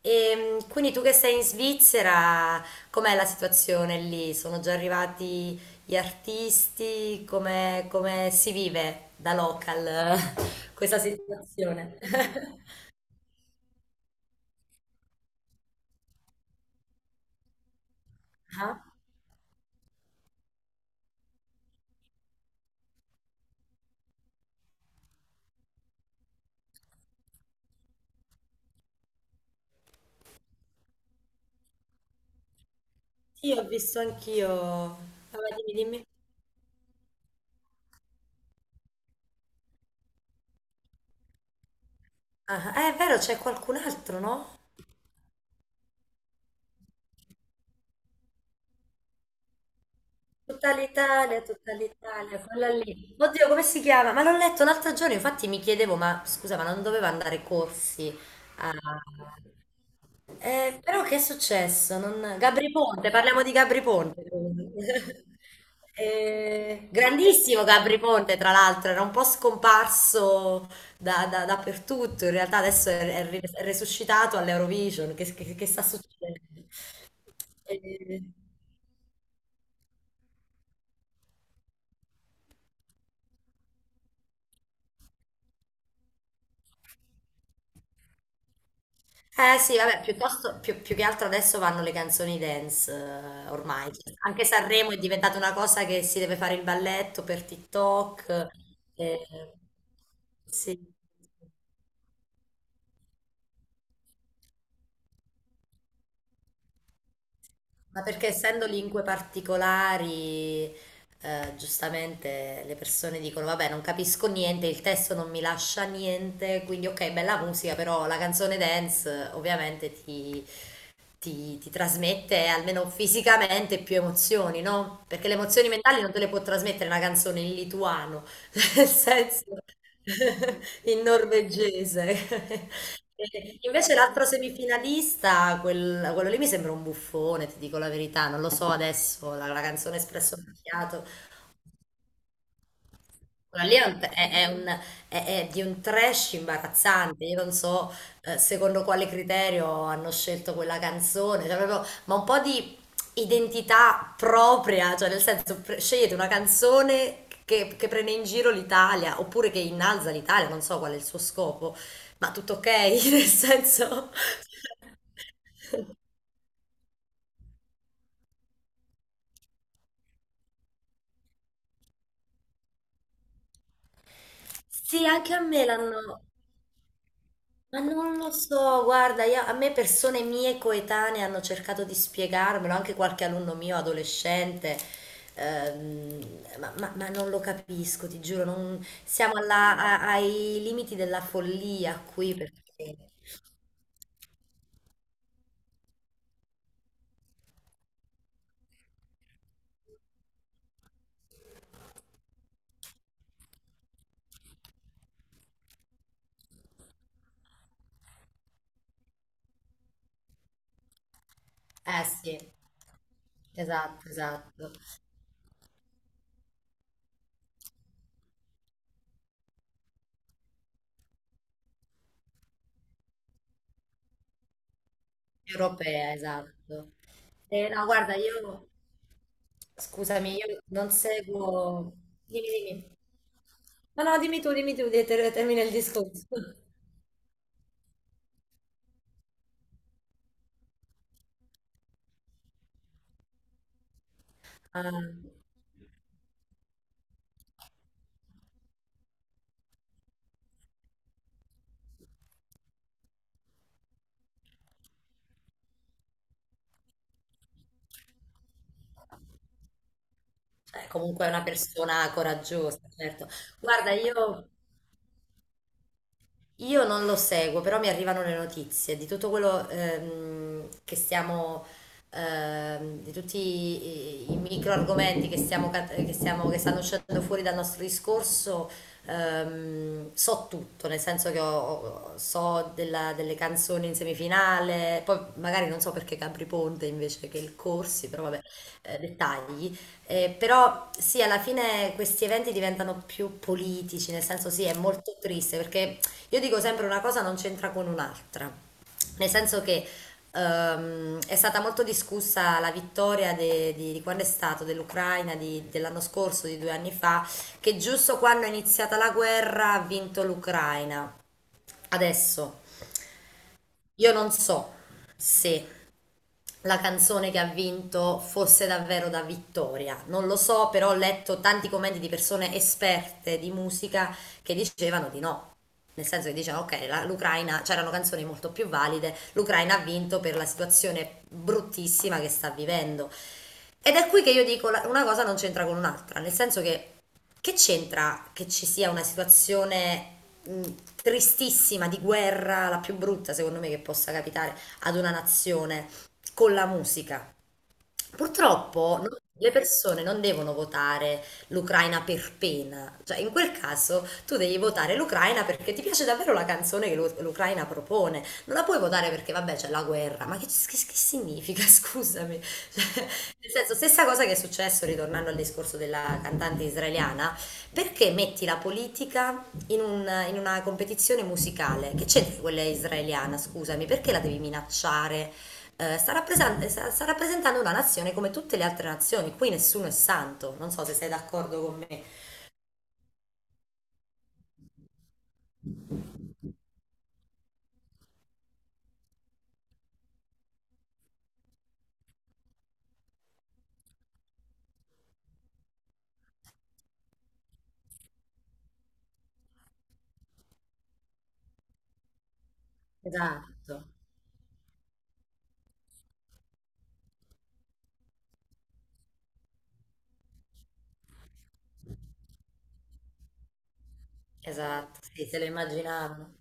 E quindi tu che sei in Svizzera, com'è la situazione lì? Sono già arrivati gli artisti? Come, come si vive da local questa situazione? Ah, sì, ho visto anch'io. Vabbè, dimmi, dimmi. Ah, è vero, c'è qualcun altro, no? Tutta l'Italia, quella lì. Oddio, come si chiama? Ma l'ho letto l'altro giorno, infatti mi chiedevo, ma scusa, ma non doveva andare corsi a... però che è successo? Non... Gabri Ponte, parliamo di Gabri Ponte. Grandissimo Gabri Ponte, tra l'altro, era un po' scomparso dappertutto, in realtà adesso è, è resuscitato all'Eurovision, che, che sta succedendo? Eh, Eh sì, vabbè, piuttosto, più, più che altro adesso vanno le canzoni dance ormai. Anche Sanremo è diventata una cosa che si deve fare il balletto per TikTok. Eh, sì. Ma perché essendo lingue particolari, giustamente le persone dicono, vabbè, non capisco niente, il testo non mi lascia niente, quindi ok, bella musica, però la canzone dance ovviamente ti, ti trasmette almeno fisicamente più emozioni, no? Perché le emozioni mentali non te le può trasmettere una canzone in lituano, nel senso in norvegese. E invece l'altro semifinalista, quello lì mi sembra un buffone, ti dico la verità, non lo so adesso, la, la canzone Espresso Macchiato. Quello lì è, è un- è di un trash imbarazzante. Io non so secondo quale criterio hanno scelto quella canzone, cioè, proprio- ma un po' di identità propria, cioè nel senso scegliete una canzone che prende in giro l'Italia oppure che innalza l'Italia, non so qual è il suo scopo, ma tutto ok, nel senso... Sì, anche a me l'hanno. Ma non lo so, guarda, a me persone mie coetanee hanno cercato di spiegarmelo, anche qualche alunno mio adolescente, ma, ma non lo capisco, ti giuro, siamo ai limiti della follia qui perché... Eh sì, esatto, esatto. Europea, esatto. No, guarda, io, scusami, io non seguo... Dimmi, dimmi. No, no, dimmi tu, termina il discorso. Ah, comunque è una persona coraggiosa, certo. Guarda, io. Io non lo seguo, però mi arrivano le notizie di tutto quello di tutti i, i micro argomenti che stiamo, che stanno uscendo fuori dal nostro discorso. So tutto, nel senso che so delle canzoni in semifinale, poi magari non so perché Capri Ponte invece che il Corsi, però vabbè, dettagli. Però sì, alla fine questi eventi diventano più politici, nel senso sì, è molto triste perché io dico sempre una cosa non c'entra con un'altra, nel senso che è stata molto discussa la vittoria di quando è stato dell'Ucraina dell'anno scorso, di due anni fa, che giusto quando è iniziata la guerra ha vinto l'Ucraina. Adesso io non so se la canzone che ha vinto fosse davvero da vittoria. Non lo so, però ho letto tanti commenti di persone esperte di musica che dicevano di no. Nel senso che dicevano, ok, l'Ucraina, c'erano canzoni molto più valide, l'Ucraina ha vinto per la situazione bruttissima che sta vivendo. Ed è qui che io dico, una cosa non c'entra con un'altra, nel senso che c'entra che ci sia una situazione mh, tristissima di guerra, la più brutta secondo me che possa capitare ad una nazione, con la musica. Purtroppo le persone non devono votare l'Ucraina per pena, cioè in quel caso tu devi votare l'Ucraina perché ti piace davvero la canzone che l'Ucraina propone, non la puoi votare perché vabbè c'è la guerra, ma che, che significa? Scusami. Cioè, nel senso, stessa cosa che è successo ritornando al discorso della cantante israeliana, perché metti la politica in, in una competizione musicale? Che c'entra quella israeliana, scusami, perché la devi minacciare? Eh, sta rappresentando una nazione come tutte le altre nazioni, qui nessuno è santo, non so se sei d'accordo con me. Esatto, esatto, sì, se lo immaginavano.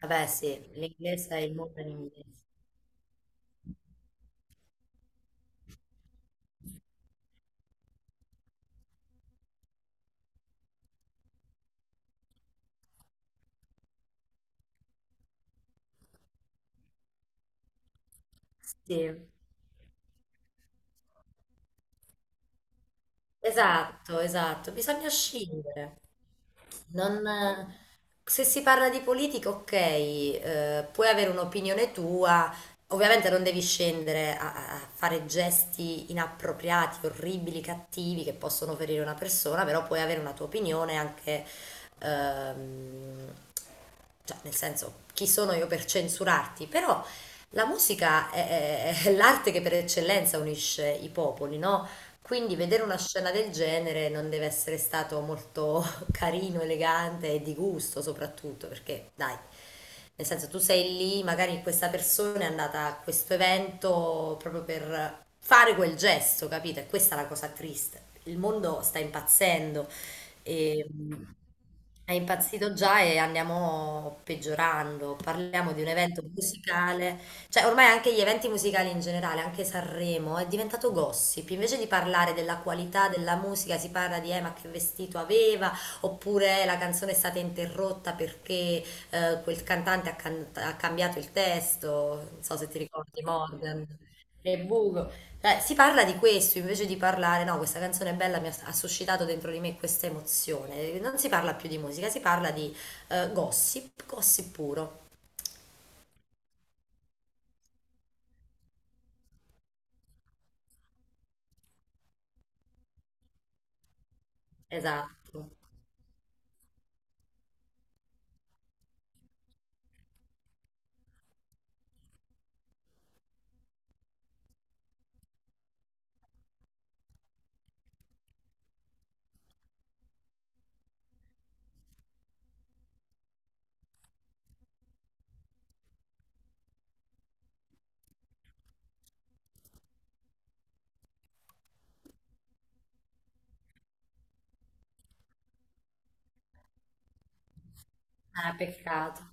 Vabbè, sì, l'inglese è il mondo in inglese. Sì. Esatto, esatto, bisogna scegliere. Non, se si parla di politica, ok, puoi avere un'opinione tua, ovviamente non devi scendere a, a fare gesti inappropriati, orribili, cattivi che possono ferire una persona, però puoi avere una tua opinione anche, ehm, cioè, nel senso, chi sono io per censurarti? Però la musica è, è l'arte che per eccellenza unisce i popoli, no? Quindi vedere una scena del genere non deve essere stato molto carino, elegante e di gusto soprattutto, perché dai, nel senso tu sei lì, magari questa persona è andata a questo evento proprio per fare quel gesto, capito? E questa è la cosa triste. Il mondo sta impazzendo e è impazzito già e andiamo peggiorando. Parliamo di un evento musicale cioè, ormai anche gli eventi musicali in generale, anche Sanremo, è diventato gossip. Invece di parlare della qualità della musica, si parla di ma che vestito aveva, oppure la canzone è stata interrotta perché quel cantante ha, ha cambiato il testo. Non so se ti ricordi, Morgan e Bugo. Cioè, si parla di questo invece di parlare, no, questa canzone è bella, mi ha, ha suscitato dentro di me questa emozione. Non si parla più di musica, si parla di gossip, gossip puro. Esatto. Peccato.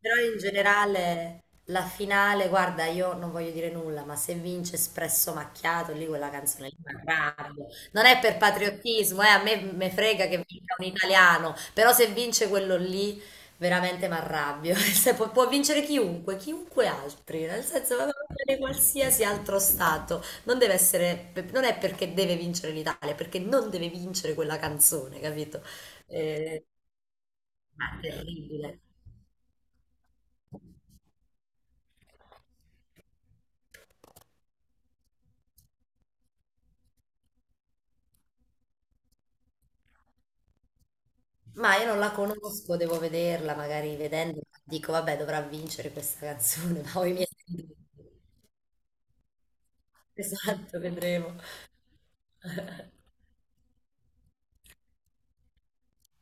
Però in generale la finale, guarda, io non voglio dire nulla, ma se vince Espresso Macchiato, lì quella canzone lì mi arrabbio. Non è per patriottismo, a me me frega che vinca un italiano, però se vince quello lì, veramente mi arrabbio. Se può, può vincere chiunque, chiunque altri, nel senso, va bene qualsiasi altro stato. Non deve essere, non è perché deve vincere l'Italia, è perché non deve vincere quella canzone, capito? Eh, ma è terribile. Ma io non la conosco, devo vederla, magari vedendo dico, vabbè, dovrà vincere questa canzone, ma ho i miei... dubbi. Esatto, vedremo.